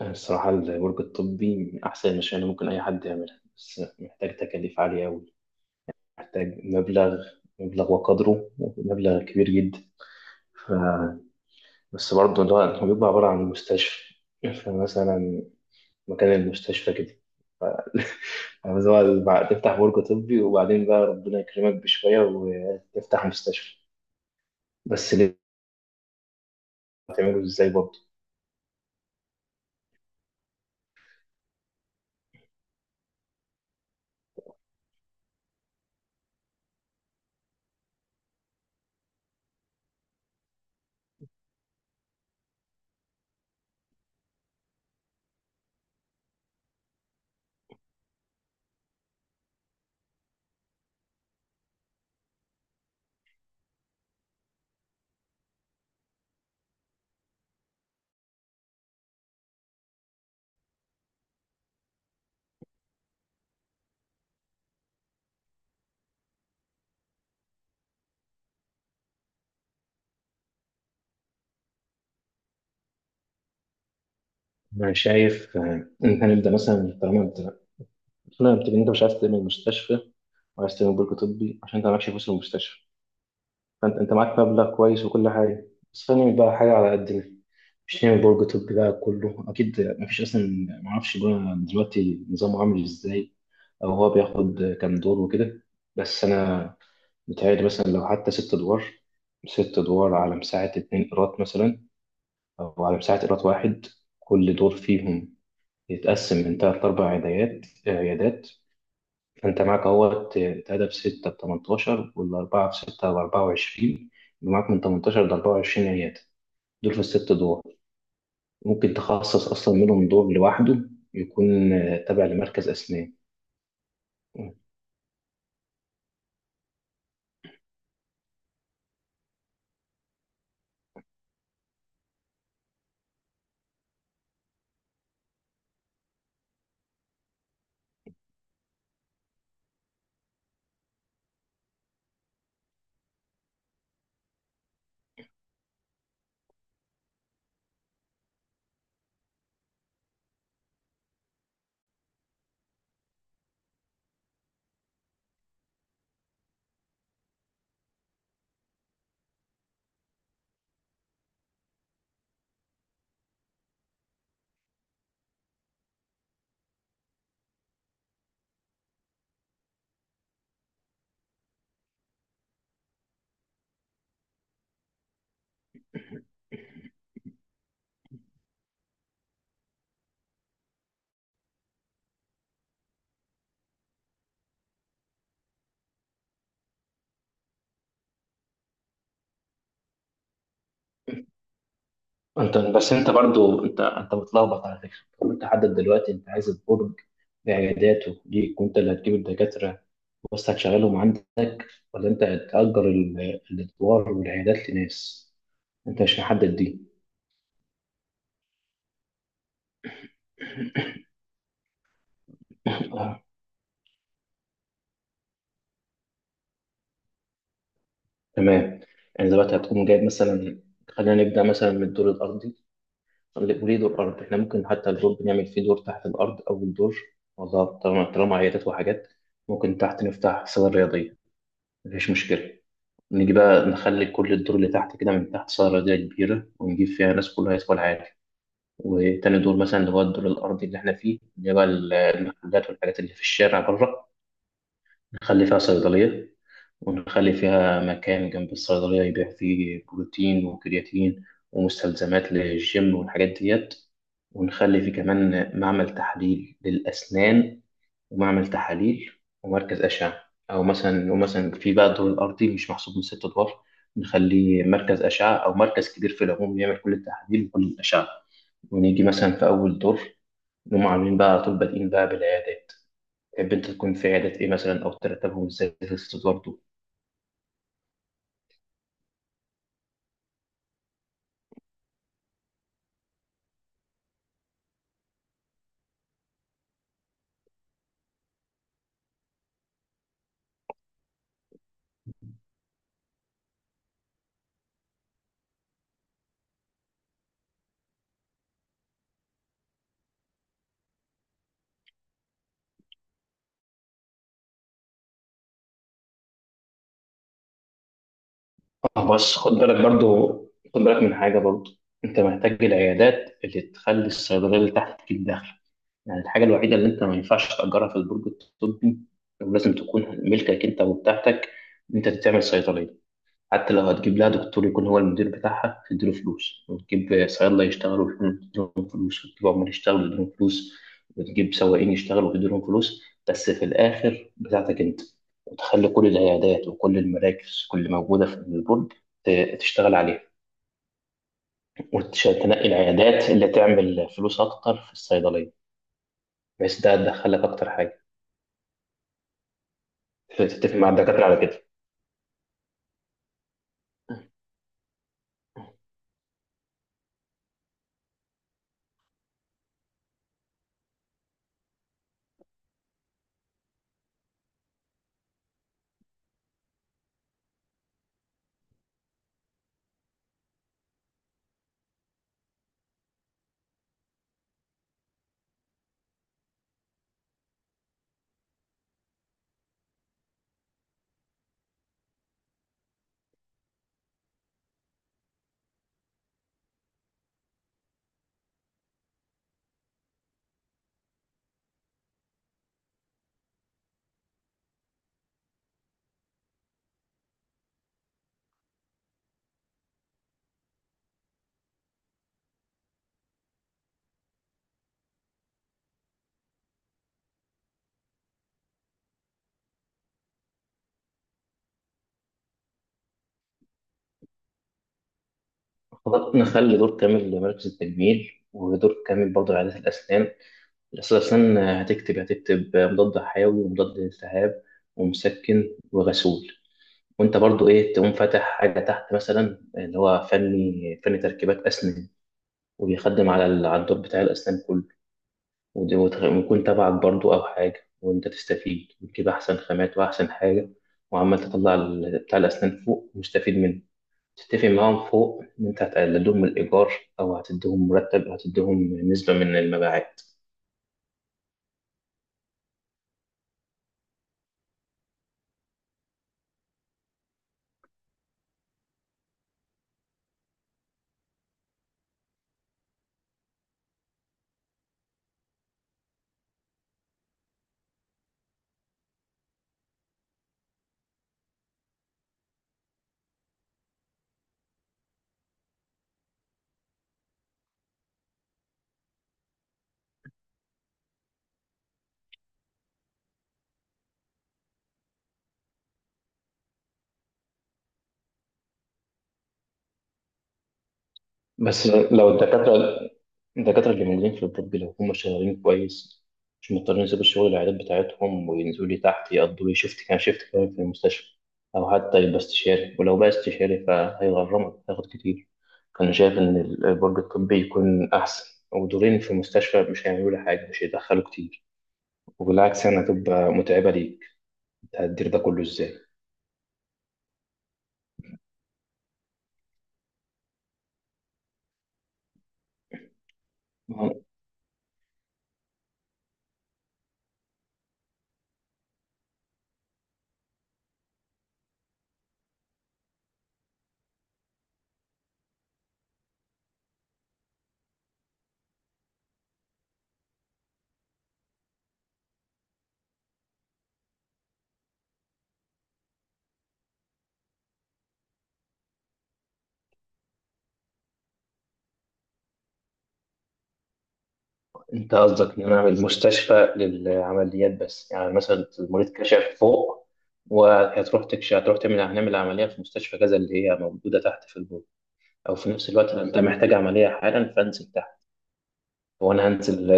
الصراحة البرج الطبي من أحسن المشاريع اللي ممكن أي حد يعملها، بس محتاج تكاليف عالية أوي. محتاج مبلغ وقدره مبلغ كبير جدا. ف... بس برضه اللي هو بيبقى عبارة عن مستشفى. فمثلا مكان المستشفى كده. ف... بس هو تفتح برج طبي وبعدين بقى ربنا يكرمك بشوية وتفتح مستشفى. بس ليه؟ هتعمله ازاي برضه؟ أنا شايف إن إحنا نبدأ مثلا. طالما أنت مش عارف تعمل مستشفى، وعايز تعمل برج طبي عشان انت معكش فلوس المستشفى. فانت معاك مبلغ كويس وكل حاجه. بس خلينا بقى حاجه على قدنا، مش نعمل برج طبي بقى كله. اكيد مفيش اصلا، معرفش بقى دلوقتي نظامه عامل ازاي، او هو بياخد كام دور وكده. بس انا متهيألي مثلا لو حتى 6 ادوار، 6 ادوار على مساحه 2 قيراط مثلا، او على مساحه 1 قيراط. كل دور فيهم يتقسم من تلات لأربع عيادات. فأنت معاك اهوت اتقدم بستة بتمنتاشر، والأربعة بستة بأربعة وعشرين. يبقى معاك من تمنتاشر لأربعة وعشرين عيادة، دول في الست دور. ممكن تخصص أصلا منهم دور لوحده يكون تابع لمركز أسنان. أنت بس، أنت برضو، أنت متلخبط على فكرة. طب أنت حدد دلوقتي، أنت عايز البرج بعياداته ليك وأنت اللي هتجيب الدكاترة بس هتشغلهم عندك، ولا أنت هتأجر الأدوار والعيادات لناس؟ أنت مش محدد دي. تمام. يعني دلوقتي هتقوم جايب مثلا، خلينا نبدأ مثلا من الدور الأرضي. وليه دور أرض؟ إحنا ممكن حتى الدور بنعمل فيه دور تحت الأرض أو الدور. والله طالما عيادات وحاجات، ممكن تحت نفتح صالة رياضية، مفيش مشكلة. نيجي بقى نخلي كل الدور اللي تحت كده من تحت صالة رياضية كبيرة، ونجيب فيها ناس كلها يدخل عادي. وتاني دور مثلا اللي هو الدور الأرضي اللي إحنا فيه، اللي هو المحلات والحاجات اللي في الشارع بره، نخلي فيها صيدلية، ونخلي فيها مكان جنب الصيدلية يبيع فيه بروتين وكرياتين ومستلزمات للجيم والحاجات ديت، ونخلي فيه كمان معمل تحليل للأسنان ومعمل تحاليل ومركز أشعة. أو مثلا، ومثلا في بقى الدور الأرضي مش محسوب من 6 أدوار، نخليه مركز أشعة أو مركز كبير في العموم يعمل كل التحاليل وكل الأشعة. ونيجي مثلا في أول دور نقوم عاملين بقى على طول بادئين بقى بالعيادات. تحب أنت تكون في عيادات إيه مثلا، أو ترتبهم إزاي في 6 أدوار دول؟ بس خد بالك برضو، خد بالك من حاجة برضو. انت محتاج العيادات اللي تخلي الصيدلية اللي تحت تجيب دخل. يعني الحاجة الوحيدة اللي انت ما ينفعش تأجرها في البرج الطبي ولازم تكون ملكك انت وبتاعتك، ان انت تعمل صيدلية. حتى لو هتجيب لها دكتور يكون هو المدير بتاعها تديله فلوس، وتجيب صيادلة يشتغلوا تديلهم فلوس، وتجيب عمال يشتغلوا تديلهم فلوس، وتجيب سواقين يشتغلوا تديلهم فلوس. بس في الآخر بتاعتك أنت، وتخلي كل العيادات وكل المراكز اللي موجودة في البرج تشتغل عليها. وتنقي العيادات اللي تعمل فلوس أكتر في الصيدلية، بحيث ده تدخلك أكتر حاجة. تتفق مع الدكاترة على كده. خلاص نخلي دور كامل لمركز التجميل ودور كامل برضه لعيادات الأسنان. أساسا هتكتب مضاد حيوي ومضاد التهاب ومسكن وغسول. وأنت برضو إيه، تقوم فاتح حاجة تحت مثلا اللي هو فني تركيبات أسنان، وبيخدم على الدور بتاع الأسنان كله. ويكون تبعك برضو أو حاجة، وأنت تستفيد وتجيب أحسن خامات وأحسن حاجة. وعمال تطلع بتاع الأسنان فوق ومستفيد منه. تتفق معاهم فوق إن أنت هتقللهم الإيجار، أو هتديهم مرتب، أو هتديهم نسبة من المبيعات. بس لو الدكاترة اللي موجودين في الطب لو هم شغالين كويس مش مضطرين يسيبوا الشغل العيادات بتاعتهم وينزلوا لي تحت يقضوا لي شيفت كمان في المستشفى. أو حتى يبقى استشاري، ولو بقى استشاري فهيغرمك هياخد كتير. أنا شايف إن البرج الطبي يكون أحسن، ودورين في المستشفى مش هيعملوا لي حاجة، مش هيدخلوا كتير، وبالعكس يعني هتبقى متعبة ليك. أنت هتدير ده كله إزاي؟ انت قصدك ان انا اعمل مستشفى للعمليات بس، يعني مثلا المريض كشف فوق، وهتروح تكشف، هتروح تعمل، هنعمل عمليه في مستشفى كذا اللي هي موجوده تحت في البول. او في نفس الوقت انت محتاج عمليه حالا فانزل. هو انا هنزل،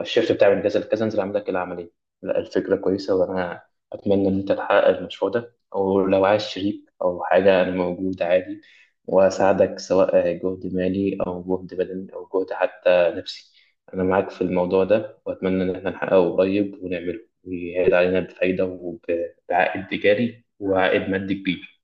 الشيفت بتاعي من كذا لكذا انزل اعمل لك العمليه. لا، الفكره كويسه، وانا اتمنى ان انت تحقق المشروع ده، او لو عايز شريك او حاجه انا موجود عادي، واساعدك سواء جهد مالي او جهد بدني او جهد حتى نفسي. انا معاك في الموضوع ده، واتمنى ان احنا نحققه قريب ونعمله ويعيد علينا بفايده وبعائد تجاري وعائد مادي كبير.